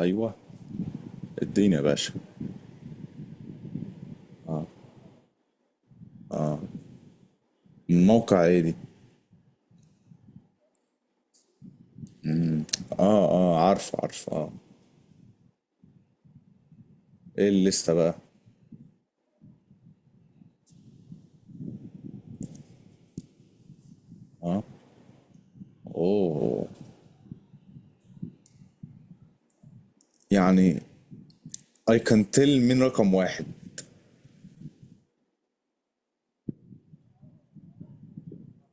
ايوه، اديني يا باشا. من موقع ايه دي؟ اه، اه، عارف عارف، اه. ايه الليسته بقى؟ اه. اوه. يعني اي كان تيل من رقم واحد؟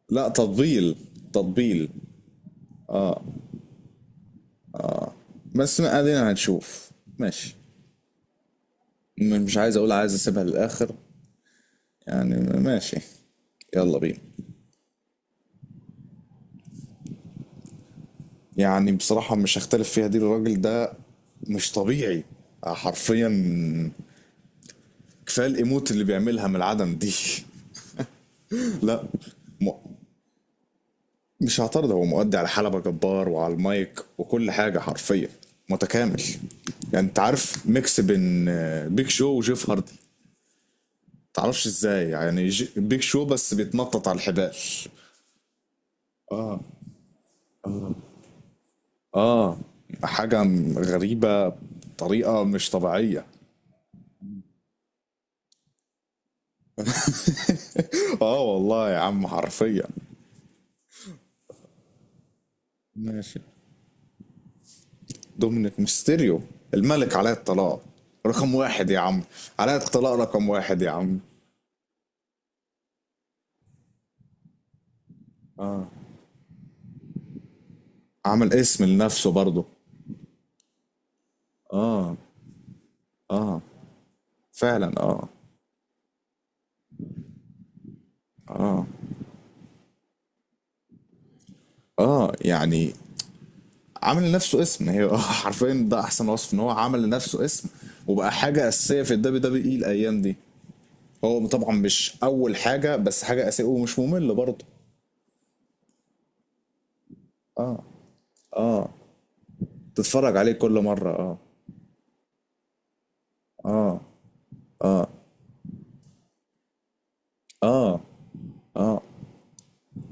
لا، تطبيل. تطبيل. بس ما ادينا هنشوف. ماشي. مش عايز اقول، عايز اسيبها للاخر. يعني ماشي. يلا بينا. يعني بصراحة مش هختلف فيها دي. الراجل ده مش طبيعي حرفيا. كفاية الايموت اللي بيعملها من العدم دي. لا. م- مش هعترض. هو مؤدي على حلبة جبار وعلى المايك وكل حاجة حرفيا. متكامل. يعني انت عارف ميكس بين بيج شو وجيف هاردي. متعرفش ازاي يعني بيج شو بس بيتنطط على الحبال. اه. حاجة غريبة بطريقة مش طبيعية. اه والله يا عم حرفيا. ماشي. دومينيك ميستيريو. الملك علاء الطلاق. رقم واحد يا عم. علاء الطلاق رقم واحد يا عم. عمل اسم لنفسه برضه. اه. اه فعلا اه. اه. اه. يعني عمل لنفسه اسم هي. حرفيا ده احسن وصف ان هو عمل لنفسه اسم. وبقى حاجه اساسيه في الدبليو دبليو اي الايام دي. هو طبعا مش اول حاجه بس حاجه اساسيه ومش ممل برضه. تتفرج عليه كل مره اه. اه. اه. اه.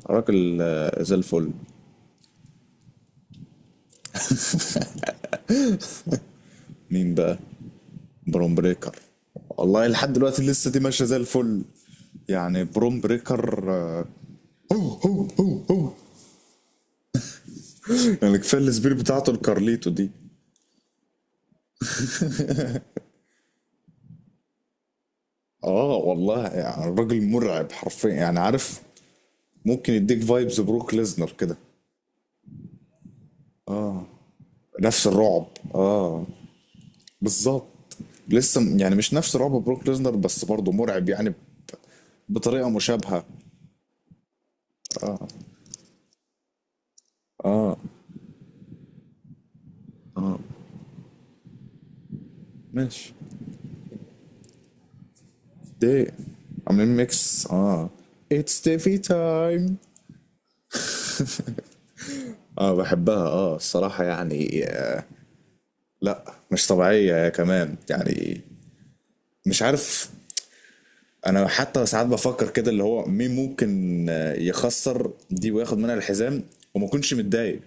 راجل زي الفل. مين بقى؟ بروم بريكر. والله لحد دلوقتي لسه دي ماشيه زي الفل. يعني بروم بريكر هو. يعني كفايه السبير بتاعته الكارليتو دي. اه والله يعني الراجل مرعب حرفيا يعني عارف. ممكن يديك فايبز بروك ليزنر كده. نفس الرعب. اه بالظبط. لسه يعني مش نفس رعب بروك ليزنر بس برضه مرعب يعني. بطريقة مشابهة. ماشي. دي عاملين ميكس اه. اتس تيفي تايم. اه بحبها اه الصراحة يعني لا مش طبيعية يا كمان يعني. مش عارف. انا حتى ساعات بفكر كده اللي هو مين ممكن يخسر دي وياخد منها الحزام. وما يكونش متضايق.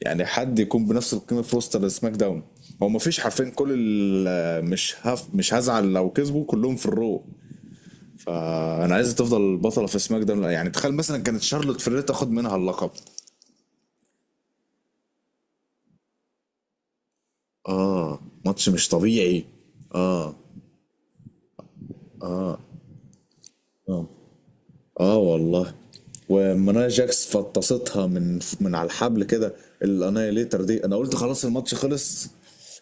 يعني حد يكون بنفس القيمه في روستر سماك داون. هو ما فيش حرفين كل مش هف مش هزعل لو كسبوا كلهم في الرو. انا عايز تفضل بطله في سماك داون. يعني تخيل مثلا كانت شارلوت فلير تاخد منها اللقب. اه. ماتش مش طبيعي. اه. اه. اه والله. ومنايا جاكس فطستها من على الحبل كده. الانايليتر دي انا قلت خلاص الماتش خلص.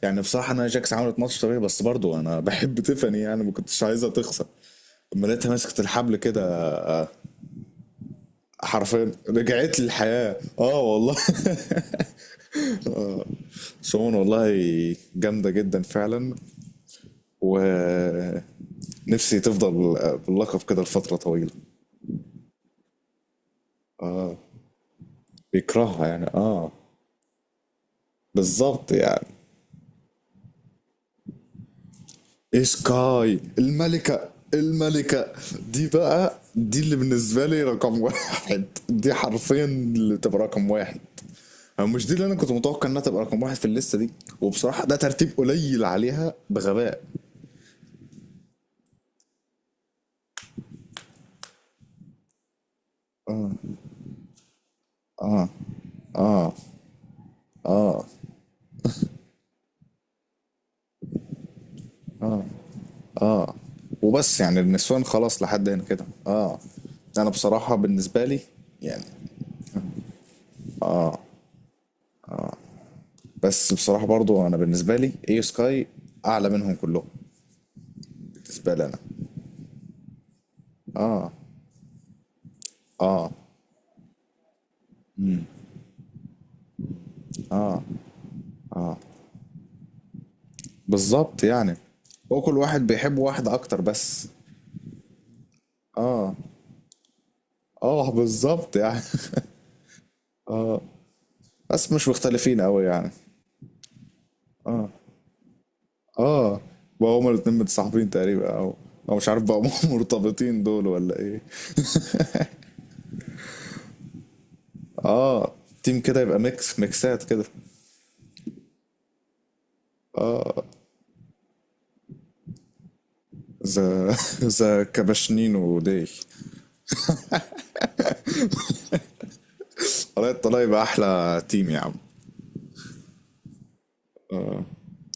يعني بصراحه انا جاكس عملت ماتش طبيعي بس برضو انا بحب تيفاني يعني ما كنتش عايزها تخسر. اما لقيتها مسكت الحبل كده حرفيا رجعت لي الحياه اه والله. سون والله. جامده جدا فعلا. ونفسي تفضل باللقب كده لفتره طويله. بيكرهها يعني اه. بالظبط يعني. إيه سكاي الملكة الملكة. دي بقى دي اللي بالنسبة لي رقم واحد. دي حرفيا اللي تبقى رقم واحد. أو مش دي اللي أنا كنت متوقع إنها تبقى رقم واحد في الليستة دي. وبصراحة ده ترتيب قليل عليها بغباء. وبس يعني النسوان خلاص لحد هنا كده اه. أنا بصراحة بالنسبة لي يعني. بس بصراحة برضو أنا بالنسبة لي إيه سكاي أعلى منهم كلهم. بالنسبة لي أنا. اه بالظبط يعني. هو كل واحد بيحب واحد أكتر بس. اه بالظبط يعني. بس مش مختلفين قوي يعني. اه. بقى هما الاتنين متصاحبين تقريبا او او مش عارف بقى هما. مرتبطين دول ولا ايه. اه. تيم كده يبقى ميكس ميكسات كده. ذا ذا كباشنين وديل. طلع يبقى احلى تيم يا عم.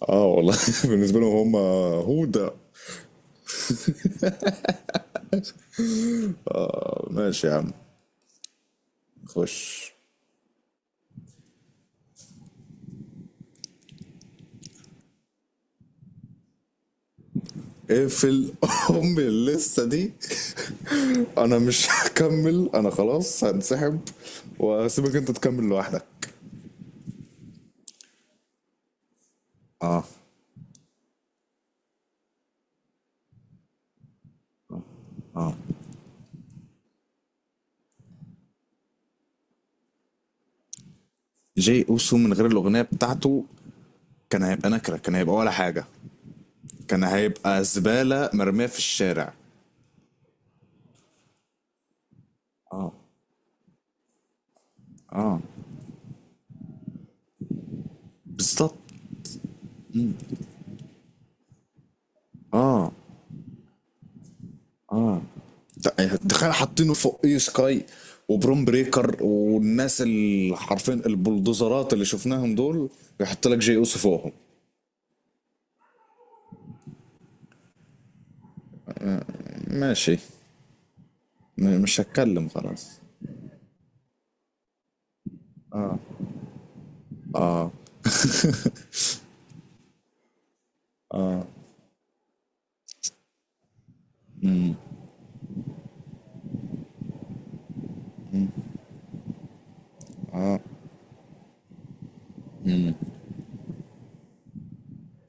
اه والله. بالنسبه لهم هما. هو ده. طب ماشي يا عم. خش. اقفل. ام اللسه دي. انا مش هكمل انا خلاص هنسحب. واسيبك انت تكمل لوحدك. اه جاي اوسو من غير الاغنيه بتاعته كان هيبقى نكره. كان هيبقى ولا حاجه. كان هيبقى زباله مرميه في الشارع. اه بالظبط. اه. تخيل حاطينه فوق اي سكاي وبروم بريكر والناس اللي حرفيا البلدوزرات اللي شفناهم دول. يحط لك جي اوسو فوقهم. ماشي. مش هتكلم خلاص.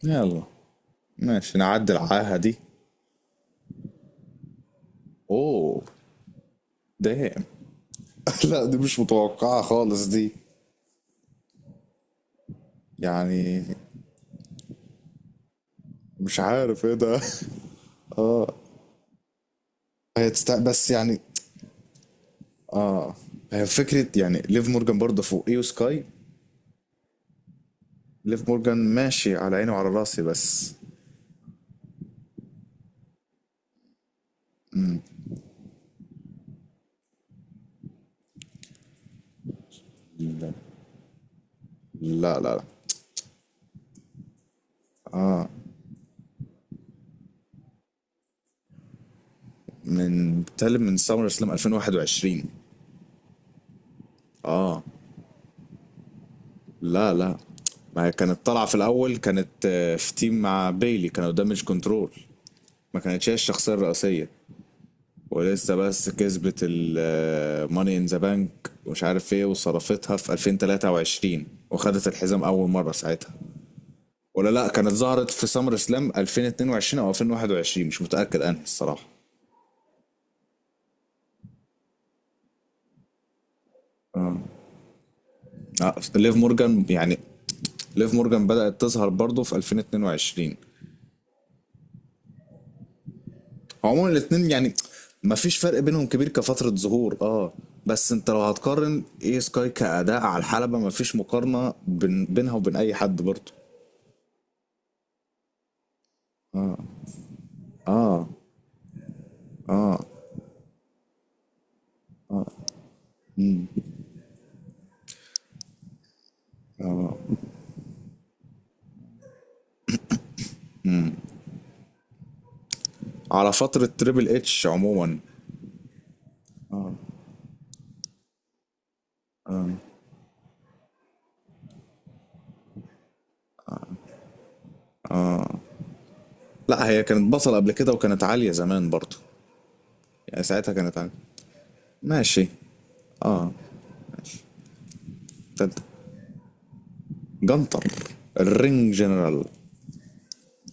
يلا. ماشي نعدي العاهه دي. اوه. دام. لا دي مش متوقعه خالص دي. يعني مش عارف ايه ده. هي تست... بس يعني. هي فكرة يعني ليف مورجان برضه فوقيه وسكاي. ليف مورجان ماشي على عيني وعلى راسي بس. لا لا لا. من بتكلم من سمر سلام 2021. اه. لا لا. ما هي كانت طالعة في الأول كانت في تيم مع بيلي كانوا دامج كنترول. ما كانتش هي الشخصية الرئيسية. ولسه بس كسبت الماني ان ذا بانك ومش عارف ايه وصرفتها في 2023. وخدت الحزام أول مرة ساعتها. ولا لا كانت ظهرت في سمر سلام 2022 او 2021 مش متاكد انهي الصراحه. ليف مورجان يعني. ليف مورجان بدات تظهر برضه في 2022. عموما الاثنين يعني ما فيش فرق بينهم كبير كفتره ظهور اه. بس انت لو هتقارن اي سكاي كاداء على الحلبه ما فيش مقارنه بينها وبين اي حد برضه. اه على فتره تريبل اتش عموما. لا هي كانت بطل قبل كده وكانت عاليه زمان برضه. يعني ساعتها كانت عاليه. ماشي. اه انت جنطر الرينج جنرال.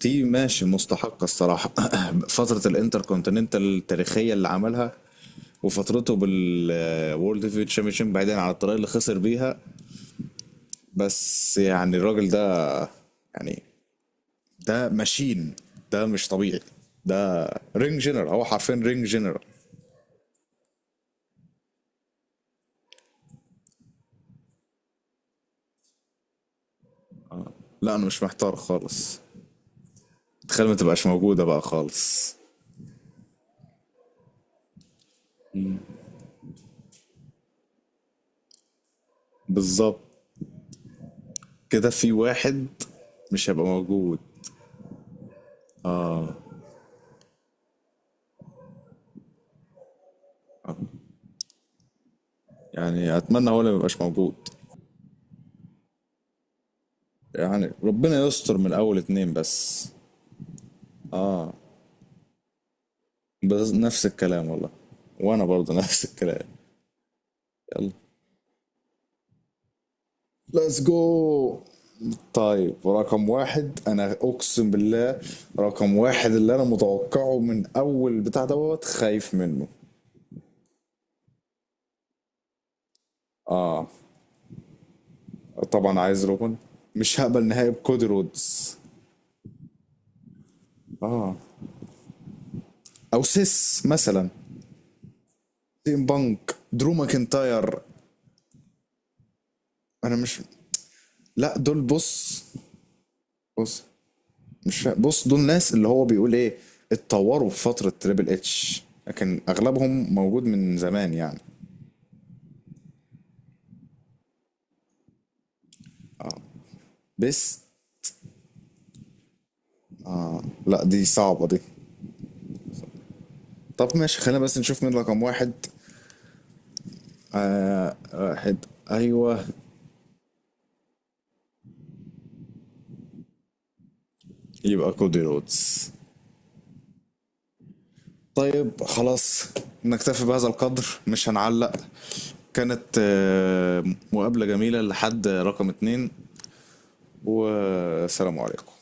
دي ماشي مستحقة الصراحة. فترة الانتركونتيننتال التاريخية اللي عملها. وفترته بالوورلد هيفيويت شامبيونشيب بعيدا عن الطريقة اللي خسر بيها. بس يعني الراجل ده يعني. ده ماشين. ده مش طبيعي. ده رينج جنرال. هو حرفيا رينج جنرال. لا انا مش محتار خالص. تخيل ما تبقاش موجودة بقى خالص. بالظبط كده في واحد مش هيبقى موجود. يعني اتمنى هو اللي ما يبقاش موجود. يعني ربنا يستر من اول اتنين بس. بس نفس الكلام والله. وانا برضه نفس الكلام. يلا. ليتس جو. طيب رقم واحد انا اقسم بالله. رقم واحد اللي انا متوقعه من اول بتاع دوت خايف منه. اه طبعا عايز روبن. مش هقبل نهائي بكودي رودز. اه او سيس مثلا. سيم بانك درو ماكنتاير. انا مش لا دول بص. بص مش فاهم بص دول ناس اللي هو بيقول ايه اتطوروا في فترة تريبل اتش لكن اغلبهم موجود من زمان يعني. بس. لا دي صعبة دي. طب ماشي خلينا بس نشوف مين رقم واحد. آه واحد. ايوه. يبقى كودي رودز. طيب خلاص. نكتفي بهذا القدر مش هنعلق. كانت مقابلة جميلة لحد رقم اتنين. والسلام عليكم.